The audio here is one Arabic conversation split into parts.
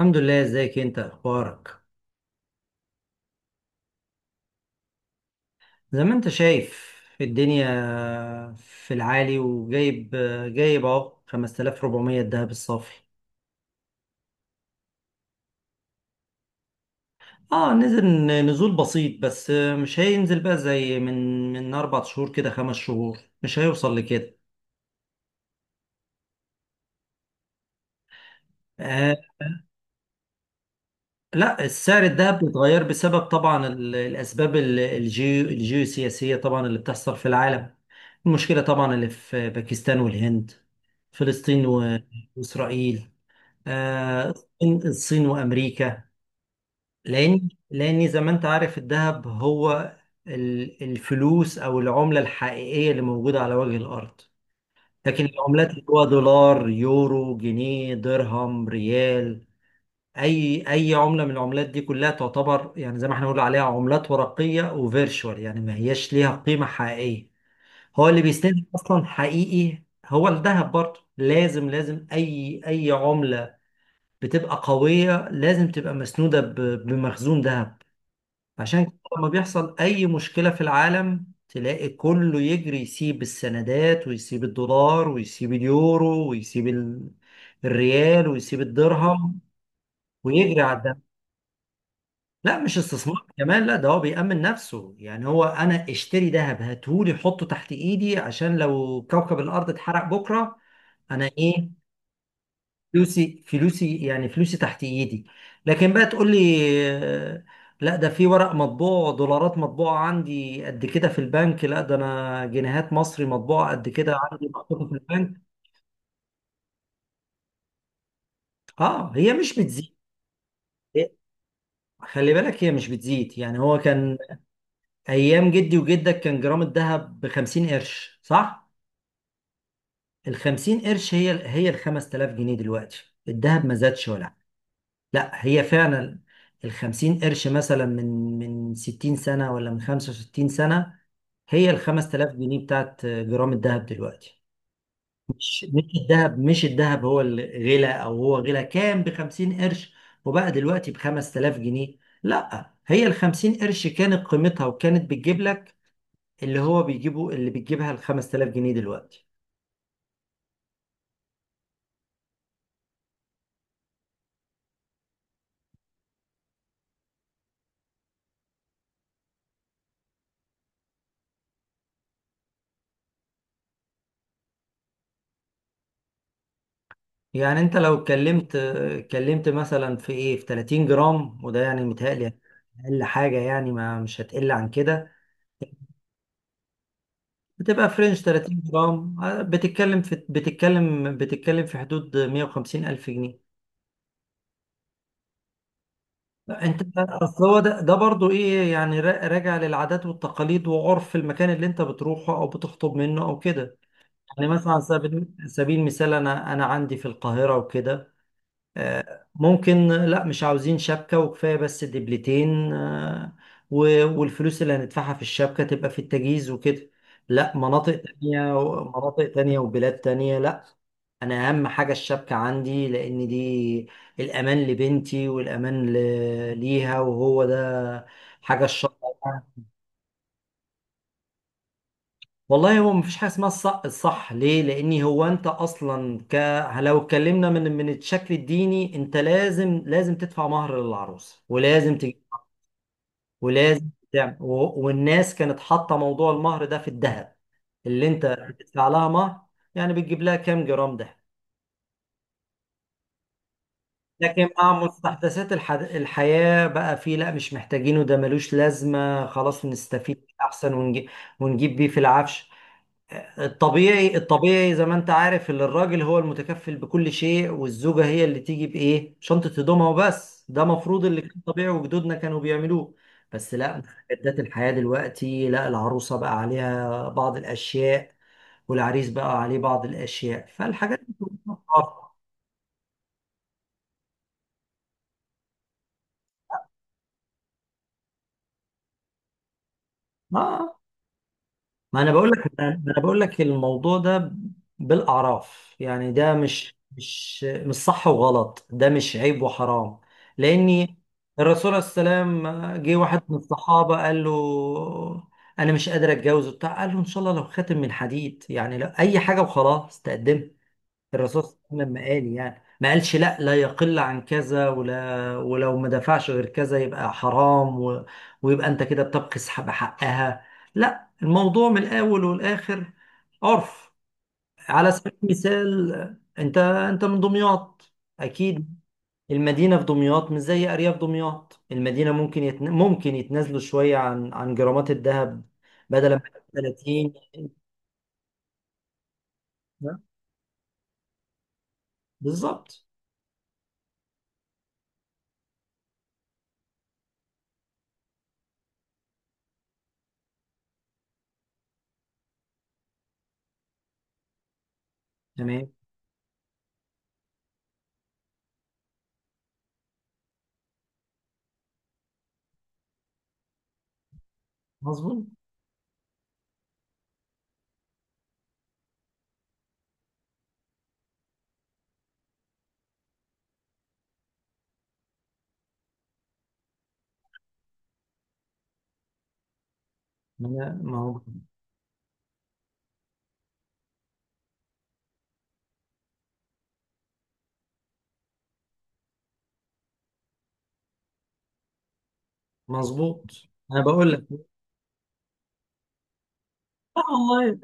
الحمد لله. ازيك؟ انت اخبارك؟ زي ما انت شايف، الدنيا في العالي. وجايب اهو 5400، الدهب الصافي. اه، نزل. نزول بسيط، بس مش هينزل بقى زي من اربع شهور كده، خمس شهور. مش هيوصل لكده. آه. لا، السعر الدهب بيتغير بسبب طبعا الاسباب الجيوسياسيه طبعا اللي بتحصل في العالم. المشكله طبعا اللي في باكستان والهند، فلسطين واسرائيل، آه، الصين وامريكا. لان زي ما انت عارف، الذهب هو الفلوس او العمله الحقيقيه اللي موجوده على وجه الارض. لكن العملات اللي هو دولار، يورو، جنيه، درهم، ريال، اي عمله من العملات دي كلها تعتبر، يعني زي ما احنا بنقول عليها، عملات ورقيه وفيرتشوال، يعني ما هياش ليها قيمه حقيقيه. هو اللي بيسند اصلا حقيقي هو الذهب. برضه لازم، لازم اي عمله بتبقى قوية لازم تبقى مسنودة بمخزون ذهب. عشان كده لما بيحصل أي مشكلة في العالم، تلاقي كله يجري يسيب السندات، ويسيب الدولار، ويسيب اليورو، ويسيب الريال، ويسيب الدرهم، ويجري على الذهب. لا، مش استثمار كمان، لا، ده هو بيأمن نفسه. يعني هو أنا اشتري ذهب، هاتهولي حطه تحت إيدي، عشان لو كوكب الأرض اتحرق بكرة أنا إيه. فلوسي، يعني فلوسي تحت ايدي. لكن بقى تقول لي، آه، لا ده في ورق مطبوع دولارات مطبوعة عندي قد كده في البنك. لا ده انا جنيهات مصري مطبوعة قد كده عندي محطوطة في البنك. اه، هي مش بتزيد. خلي بالك، هي مش بتزيد. يعني هو كان ايام جدي وجدك كان جرام الذهب ب 50 قرش، صح؟ ال 50 قرش هي هي ال 5000 جنيه دلوقتي. الذهب ما زادش ولا، لا هي فعلا. الخمسين قرش مثلا من ستين سنة، ولا من خمسة وستين سنة، هي الخمس تلاف جنيه بتاعت جرام الذهب دلوقتي. مش الذهب، مش الذهب هو اللي غلا. أو هو غلا، كان بخمسين قرش وبقى دلوقتي بخمس تلاف جنيه. لا، هي الخمسين قرش كانت قيمتها وكانت بتجيب لك اللي هو بيجيبه اللي بتجيبها الخمس تلاف جنيه دلوقتي. يعني انت لو اتكلمت مثلا في ايه، في 30 جرام، وده يعني متهيألي اقل حاجه، يعني ما مش هتقل عن كده. بتبقى فرنش 30 جرام. بتتكلم في حدود 150 الف جنيه. انت اصل هو ده، ده برضو ايه يعني، راجع للعادات والتقاليد وعرف المكان اللي انت بتروحه او بتخطب منه او كده. يعني مثلا على سبيل المثال، انا عندي في القاهره وكده، ممكن لا مش عاوزين شبكة وكفاية بس دبلتين، والفلوس اللي هندفعها في الشبكة تبقى في التجهيز وكده. لا، مناطق تانية، مناطق تانية وبلاد تانية لا. أنا أهم حاجة الشبكة عندي، لأن دي الأمان لبنتي والأمان ليها، وهو ده حاجة الشرع. والله هو مفيش حاجه اسمها الصح. الصح ليه، لان هو انت اصلا لو اتكلمنا من الشكل الديني، انت لازم، لازم تدفع مهر للعروسه، ولازم ولازم تعمل والناس كانت حاطه موضوع المهر ده في الذهب. اللي انت بتدفع لها مهر، يعني بتجيب لها كام جرام ده. لكن مع مستحدثات الحياه بقى، في لا مش محتاجينه، ده ملوش لازمه، خلاص نستفيد احسن ونجيب بيه في العفش. الطبيعي، الطبيعي زي ما انت عارف، ان الراجل هو المتكفل بكل شيء، والزوجة هي اللي تيجي بايه شنطة هدومها وبس. ده مفروض اللي كان طبيعي، وجدودنا كانوا بيعملوه. بس لا، مستجدات الحياة دلوقتي، لا العروسة بقى عليها بعض الأشياء، والعريس بقى عليه بعض الأشياء، فالحاجات دي كلها بتتغير. اه. ما انا بقول لك الموضوع ده بالاعراف، يعني ده مش صح وغلط، ده مش عيب وحرام. لاني الرسول عليه السلام جه واحد من الصحابه قال له، انا مش قادر اتجوز وبتاع. قال له، ان شاء الله لو خاتم من حديد، يعني لو اي حاجه وخلاص تقدمها. الرسول صلى الله عليه وسلم لما قال، يعني ما قالش لا لا يقل عن كذا، ولا ولو ما دفعش غير كذا يبقى حرام، ويبقى انت كده بتبخس بحقها. لا، الموضوع من الاول والاخر عرف. على سبيل المثال، انت من دمياط، اكيد. المدينة في دمياط مش زي ارياف دمياط. المدينة ممكن ممكن يتنازلوا شوية عن جرامات الذهب، بدل ما 30. بالظبط. تمام. مظبوط. ما هو. مظبوط. انا بقول لك. لا والله،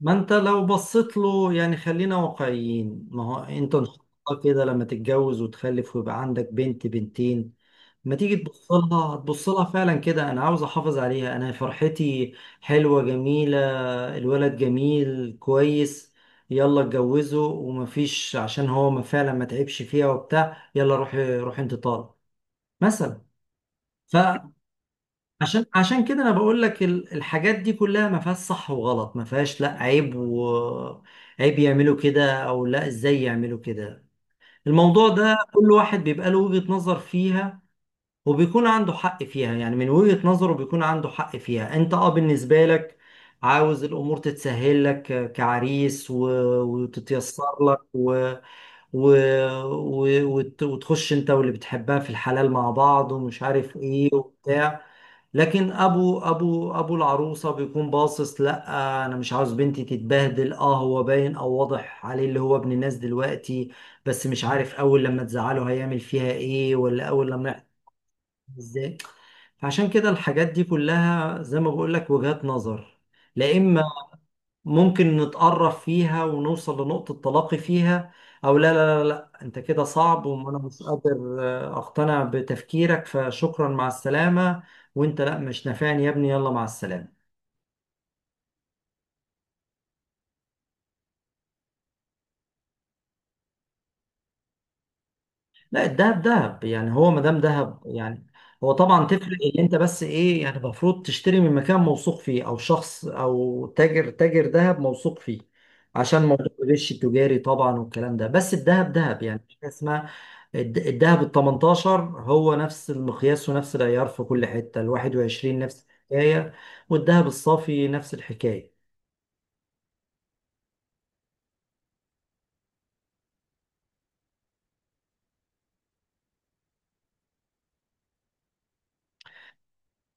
ما انت لو بصيت له، يعني خلينا واقعيين. ما هو انت ان شاء الله كده لما تتجوز وتخلف ويبقى عندك بنت بنتين، ما تيجي تبص لها، تبص لها فعلا كده، انا عاوز احافظ عليها، انا فرحتي. حلوه، جميله، الولد جميل، كويس، يلا اتجوزه. ومفيش عشان هو ما، فعلا ما تعبش فيها وبتاع، يلا روح روح انت طالق، مثلا. ف. عشان كده انا بقول لك الحاجات دي كلها ما فيهاش صح وغلط، ما فيهاش لا عيب و عيب يعملوا كده، او لا ازاي يعملوا كده. الموضوع ده كل واحد بيبقى له وجهة نظر فيها، وبيكون عنده حق فيها. يعني من وجهة نظره بيكون عنده حق فيها. انت اه بالنسبة لك، عاوز الامور تتسهل لك كعريس وتتيسر لك و... وتخش انت واللي بتحبها في الحلال مع بعض، ومش عارف ايه وبتاع. لكن ابو العروسه بيكون باصص، لا انا مش عاوز بنتي تتبهدل. اه، هو باين او واضح عليه اللي هو ابن الناس دلوقتي، بس مش عارف اول لما تزعله هيعمل فيها ايه، ولا اول لما يحصل ازاي. فعشان كده الحاجات دي كلها زي ما بقول لك، وجهات نظر. لا، اما ممكن نتقرب فيها ونوصل لنقطة تلاقي فيها، أو لا لا لا لا، أنت كده صعب وأنا مش قادر، أقتنع بتفكيرك، فشكرا مع السلامة. وأنت لا مش نافعني يا ابني، يلا مع السلامة. لا، الدهب دهب يعني. هو ما دام دهب يعني، هو طبعا تفرق ان انت بس ايه يعني، المفروض تشتري من مكان موثوق فيه، او شخص او تاجر دهب موثوق فيه، عشان موضوع الغش التجاري طبعا والكلام ده. بس الدهب دهب يعني، مش حاجة اسمها الدهب ال 18 هو نفس المقياس ونفس العيار في كل حتة، ال 21 نفس الحكاية، والدهب الصافي نفس الحكاية.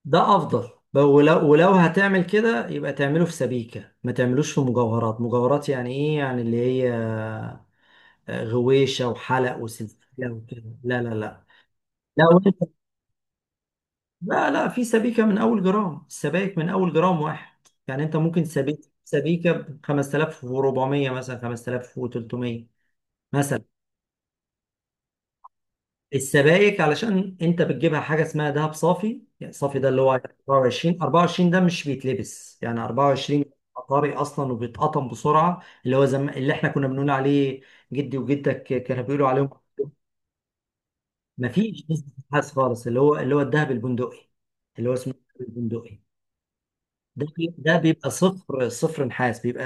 ده افضل ولو، ولو هتعمل كده يبقى تعمله في سبيكة، ما تعملوش في مجوهرات. مجوهرات يعني ايه؟ يعني اللي هي غويشة وحلق وسلسلة وكده، لا لا لا. لا وانت لا لا، في سبيكة من اول جرام. السبائك من اول جرام واحد. يعني انت ممكن سبيكة ب 5400 مثلا، 5300 مثلا. السبائك علشان انت بتجيبها حاجه اسمها دهب صافي، يعني صافي ده اللي هو 24. 24 ده مش بيتلبس، يعني 24 طاري اصلا، وبيتقطم بسرعه، اللي هو اللي احنا كنا بنقول عليه، جدي وجدك كانوا بيقولوا عليهم، ما فيش نسبه خالص، اللي هو اللي هو الذهب البندقي. اللي هو اسمه الذهب البندقي. ده بيبقى صفر صفر نحاس، بيبقى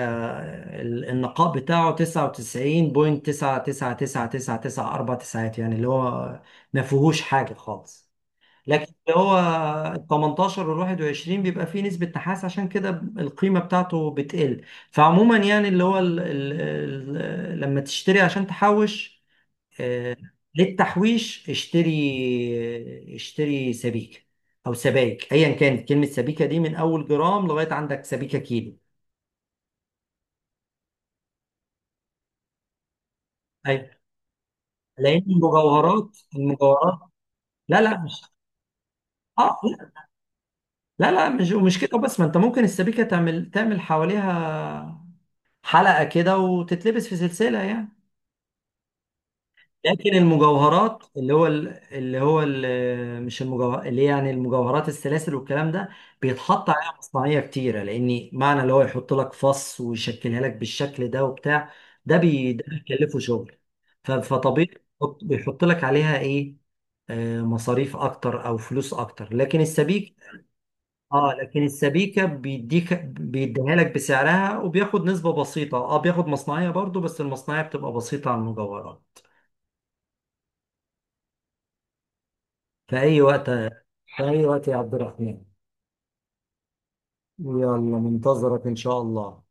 النقاء بتاعه 99.99999، اربع تسعات، يعني اللي هو ما فيهوش حاجه خالص. لكن اللي هو ال 18 وال 21 بيبقى فيه نسبة نحاس، عشان كده القيمة بتاعته بتقل. فعموما يعني اللي هو ال لما تشتري عشان تحوش، آه، للتحويش اشتري سبيكة، أو سبايك أيا كانت، كلمة سبيكة دي من أول جرام لغاية عندك سبيكة كيلو. أيوة. لأن المجوهرات، المجوهرات لا لا مش، اه لا لا لا، مش مش كده بس. ما انت ممكن السبيكه تعمل حواليها حلقة كده وتتلبس في سلسلة يعني. لكن المجوهرات اللي هو مش المجوهر اللي يعني، المجوهرات، السلاسل والكلام ده، بيتحط عليها مصنعية كتيرة، لأن معنى اللي هو يحط لك فص ويشكلها لك بالشكل ده وبتاع، ده ده بيكلفه شغل. فطبيعي بيحط لك عليها إيه، مصاريف أكتر أو فلوس أكتر. لكن السبيك، اه لكن السبيكة بيديها لك بسعرها، وبياخد نسبة بسيطة، اه بياخد مصنعية برضو، بس المصنعية بتبقى بسيطة عن المجوهرات. في أي وقت، في أي وقت يا عبد الرحمن. يلا منتظرك إن شاء الله.